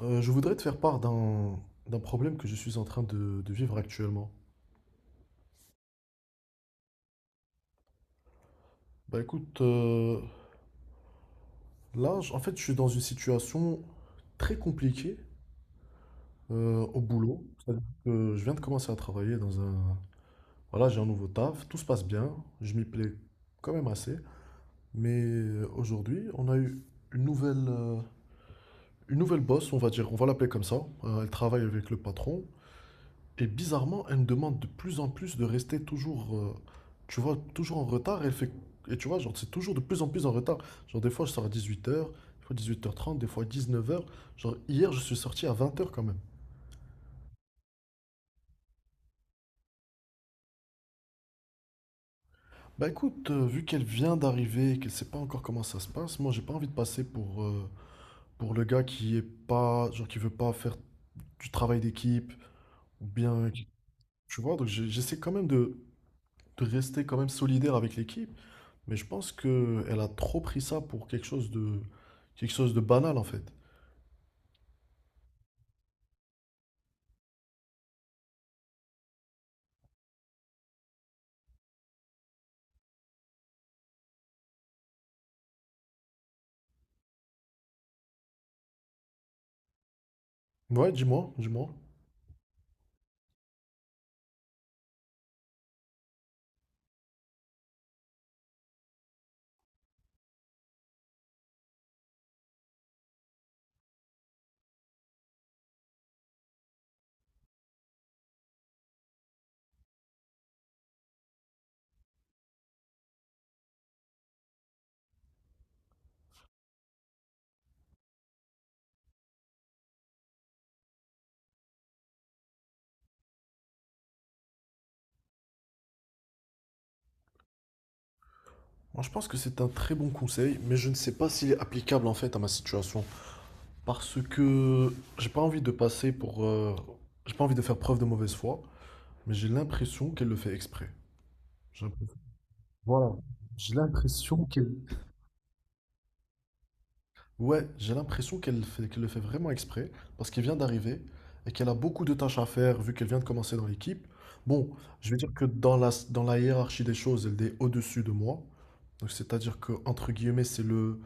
Je voudrais te faire part d'un problème que je suis en train de vivre actuellement. Bah écoute, là, en fait, je suis dans une situation très compliquée au boulot. Je viens de commencer à travailler dans un. Voilà, j'ai un nouveau taf, tout se passe bien, je m'y plais quand même assez. Mais aujourd'hui, on a eu une nouvelle, euh, une nouvelle boss, on va dire, on va l'appeler comme ça. Elle travaille avec le patron. Et bizarrement, elle me demande de plus en plus de rester toujours, tu vois, toujours en retard. Elle fait, et tu vois, genre, c'est toujours de plus en plus en retard. Genre, des fois, je sors à 18 heures, des fois 18h30, des fois 19 heures. Genre, hier, je suis sorti à 20 heures quand même. Bah écoute, vu qu'elle vient d'arriver, qu'elle sait pas encore comment ça se passe, moi, j'ai pas envie de passer pour le gars qui est pas, genre, qui veut pas faire du travail d'équipe, ou bien, tu vois, donc j'essaie quand même de rester quand même solidaire avec l'équipe. Mais je pense que elle a trop pris ça pour quelque chose de banal en fait. Ouais, dis-moi, dis-moi. Moi, je pense que c'est un très bon conseil, mais je ne sais pas s'il est applicable en fait à ma situation parce que j'ai pas envie de passer pour j'ai pas envie de faire preuve de mauvaise foi, mais j'ai l'impression qu'elle le fait exprès. J'ai l'impression. Voilà. J'ai l'impression qu'elle. Ouais, j'ai l'impression qu'elle le fait vraiment exprès, parce qu'elle vient d'arriver et qu'elle a beaucoup de tâches à faire vu qu'elle vient de commencer dans l'équipe. Bon, je vais dire que dans la hiérarchie des choses, elle est au-dessus de moi. Donc c'est-à-dire que, entre guillemets,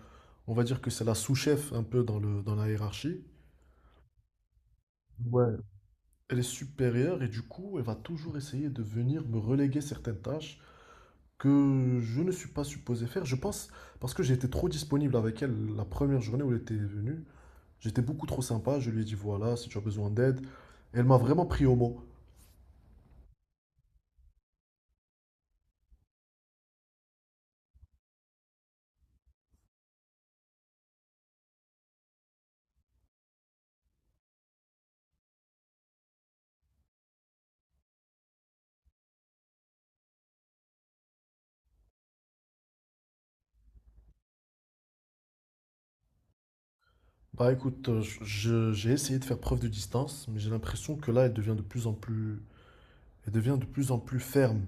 on va dire que c'est la sous-chef un peu dans la hiérarchie. Ouais. Elle est supérieure et du coup, elle va toujours essayer de venir me reléguer certaines tâches que je ne suis pas supposé faire. Je pense parce que j'ai été trop disponible avec elle la première journée où elle était venue. J'étais beaucoup trop sympa, je lui ai dit voilà, si tu as besoin d'aide. Elle m'a vraiment pris au mot. Bah écoute, j'ai essayé de faire preuve de distance, mais j'ai l'impression que là, elle devient de plus en plus ferme.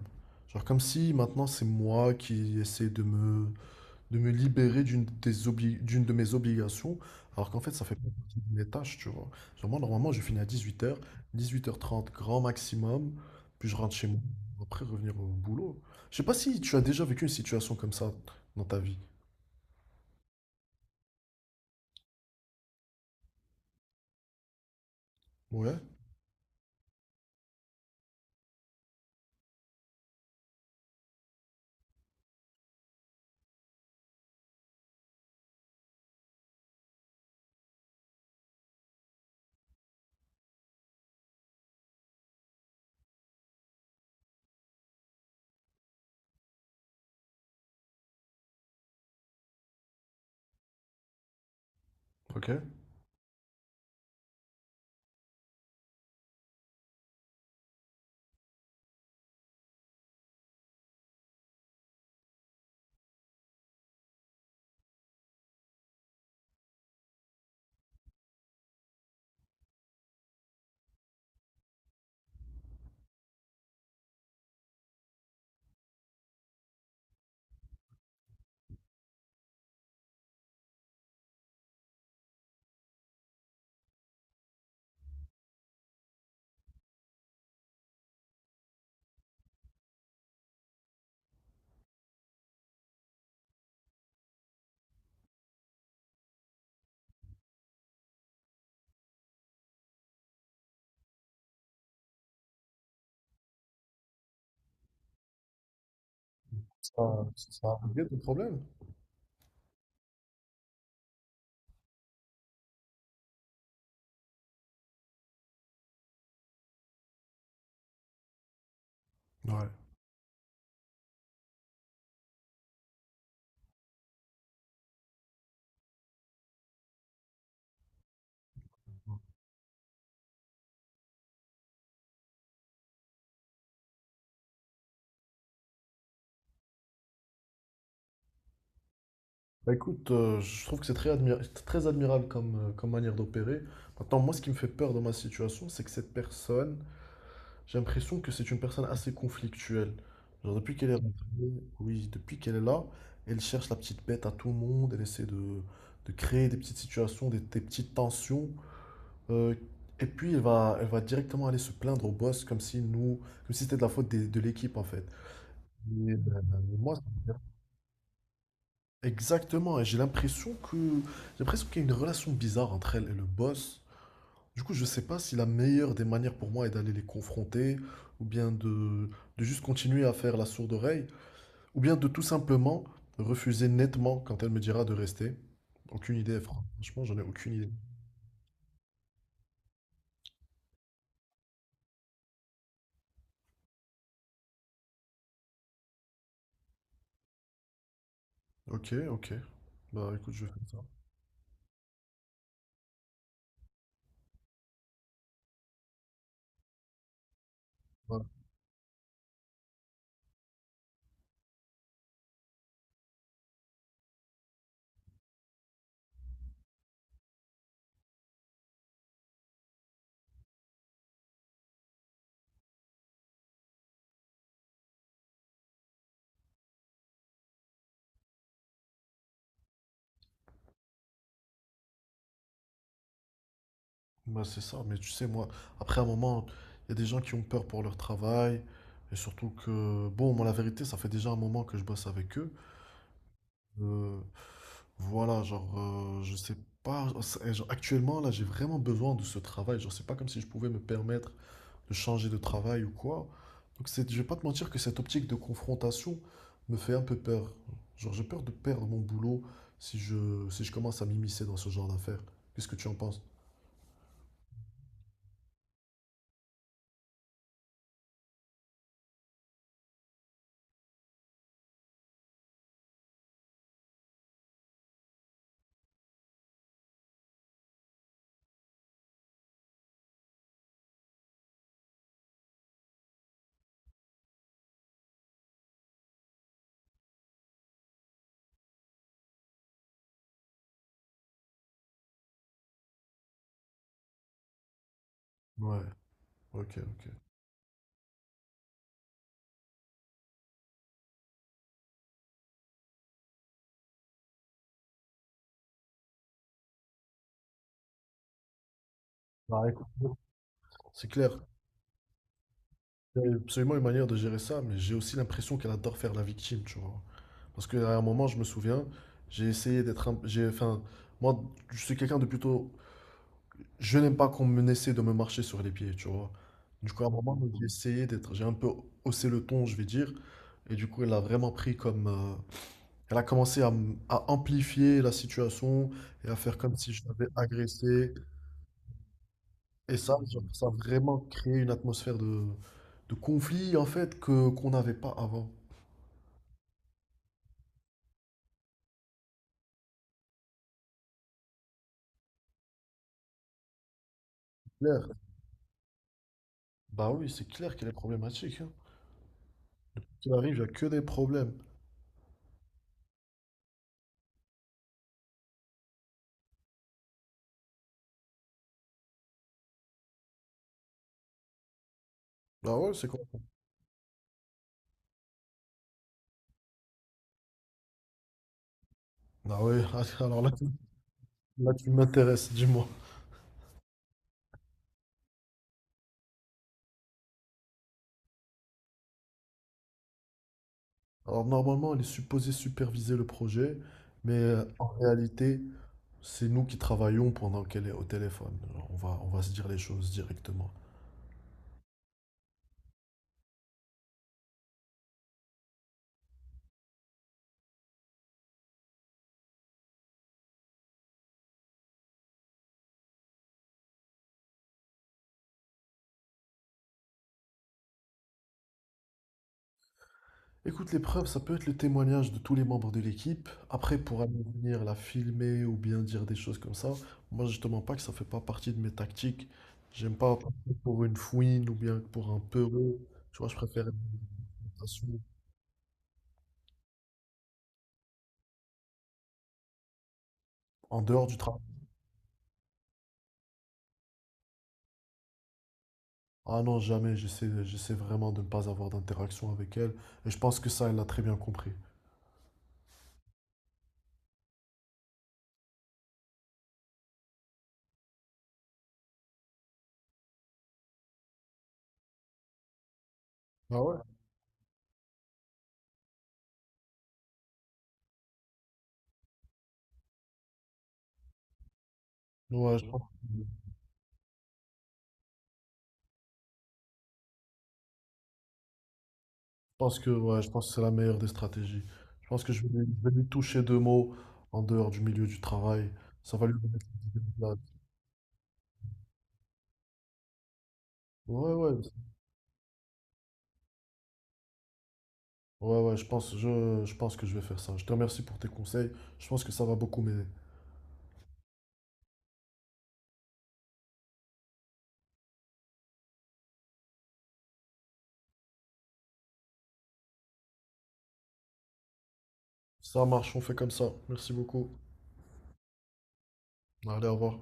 Genre comme si maintenant c'est moi qui essaie de me libérer d'une de mes obligations, alors qu'en fait, ça fait pas partie de mes tâches, tu vois. Genre moi, normalement, je finis à 18h, 18h30 grand maximum, puis je rentre chez moi, après revenir au boulot. Je sais pas si tu as déjà vécu une situation comme ça dans ta vie. Ouais, ok. Ça, ça a réglé ton problème? Ouais. Bah écoute, je trouve que c'est très admirable comme manière d'opérer. Maintenant, moi, ce qui me fait peur dans ma situation, c'est que cette personne. J'ai l'impression que c'est une personne assez conflictuelle. Genre depuis qu'elle est rentrée, oui, depuis qu'elle est là, elle cherche la petite bête à tout le monde, elle essaie de créer des petites situations, des petites tensions. euh, et puis elle va directement aller se plaindre au boss comme si nous, comme si c'était de la faute de l'équipe en fait. Mais, euh, mais moi, ça me dérange. Exactement, et j'ai l'impression qu'il y a une relation bizarre entre elle et le boss. Du coup, je sais pas si la meilleure des manières pour moi est d'aller les confronter, ou bien de juste continuer à faire la sourde oreille, ou bien de tout simplement refuser nettement quand elle me dira de rester. Aucune idée, franchement, j'en ai aucune idée. Ok, ok. Bah écoute, je vais faire ça. Ouais. Bah c'est ça, mais tu sais, moi, après un moment, il y a des gens qui ont peur pour leur travail, et surtout que, bon, moi, la vérité, ça fait déjà un moment que je bosse avec eux. Euh, Voilà, genre, je sais pas. Genre, actuellement, là, j'ai vraiment besoin de ce travail. Genre, c'est pas comme si je pouvais me permettre de changer de travail ou quoi. Donc, je vais pas te mentir que cette optique de confrontation me fait un peu peur. Genre, j'ai peur de perdre mon boulot si je commence à m'immiscer dans ce genre d'affaires. Qu'est-ce que tu en penses? Ouais, ok, ok. Bah, écoute. C'est clair. Il y a absolument une manière de gérer ça, mais j'ai aussi l'impression qu'elle adore faire la victime, tu vois. Parce qu'à un moment, je me souviens, j'ai essayé d'être un. J'ai, enfin, moi, je suis quelqu'un de plutôt. Je n'aime pas qu'on me essaie de me marcher sur les pieds, tu vois. Du coup, à un moment, j'ai essayé d'être. J'ai un peu haussé le ton, je vais dire. Et du coup, elle a vraiment pris comme. Elle a commencé à amplifier la situation et à faire comme si je l'avais agressé. Et ça, genre, ça a vraiment créé une atmosphère de conflit, en fait, que qu'on n'avait pas avant. Claire. Bah oui, c'est clair qu'elle est problématique. Hein. Qu'il arrive, il n'y a que des problèmes. Ah ouais, c'est quoi? Ah ouais, alors là, là tu m'intéresses, dis-moi. Alors normalement, elle est supposée superviser le projet, mais en réalité, c'est nous qui travaillons pendant qu'elle est au téléphone. Alors, on va se dire les choses directement. Écoute, l'épreuve, ça peut être le témoignage de tous les membres de l'équipe. Après, pour aller venir la filmer ou bien dire des choses comme ça, moi je te mens pas que ça fait pas partie de mes tactiques. J'aime pas passer pour une fouine ou bien pour un peureux. Tu vois, je préfère être en dehors du travail. Ah non, jamais, j'essaie vraiment de ne pas avoir d'interaction avec elle. Et je pense que ça, elle l'a très bien compris. Ah ouais? Ouais, je pense que, ouais, je pense que c'est la meilleure des stratégies. Je pense que je vais lui toucher deux mots en dehors du milieu du travail. Ça va lui donner une idée de place. Ouais, ouais, ouais, ouais, je pense que je vais faire ça. Je te remercie pour tes conseils. Je pense que ça va beaucoup m'aider. Ça marche, on fait comme ça. Merci beaucoup. Allez, au revoir.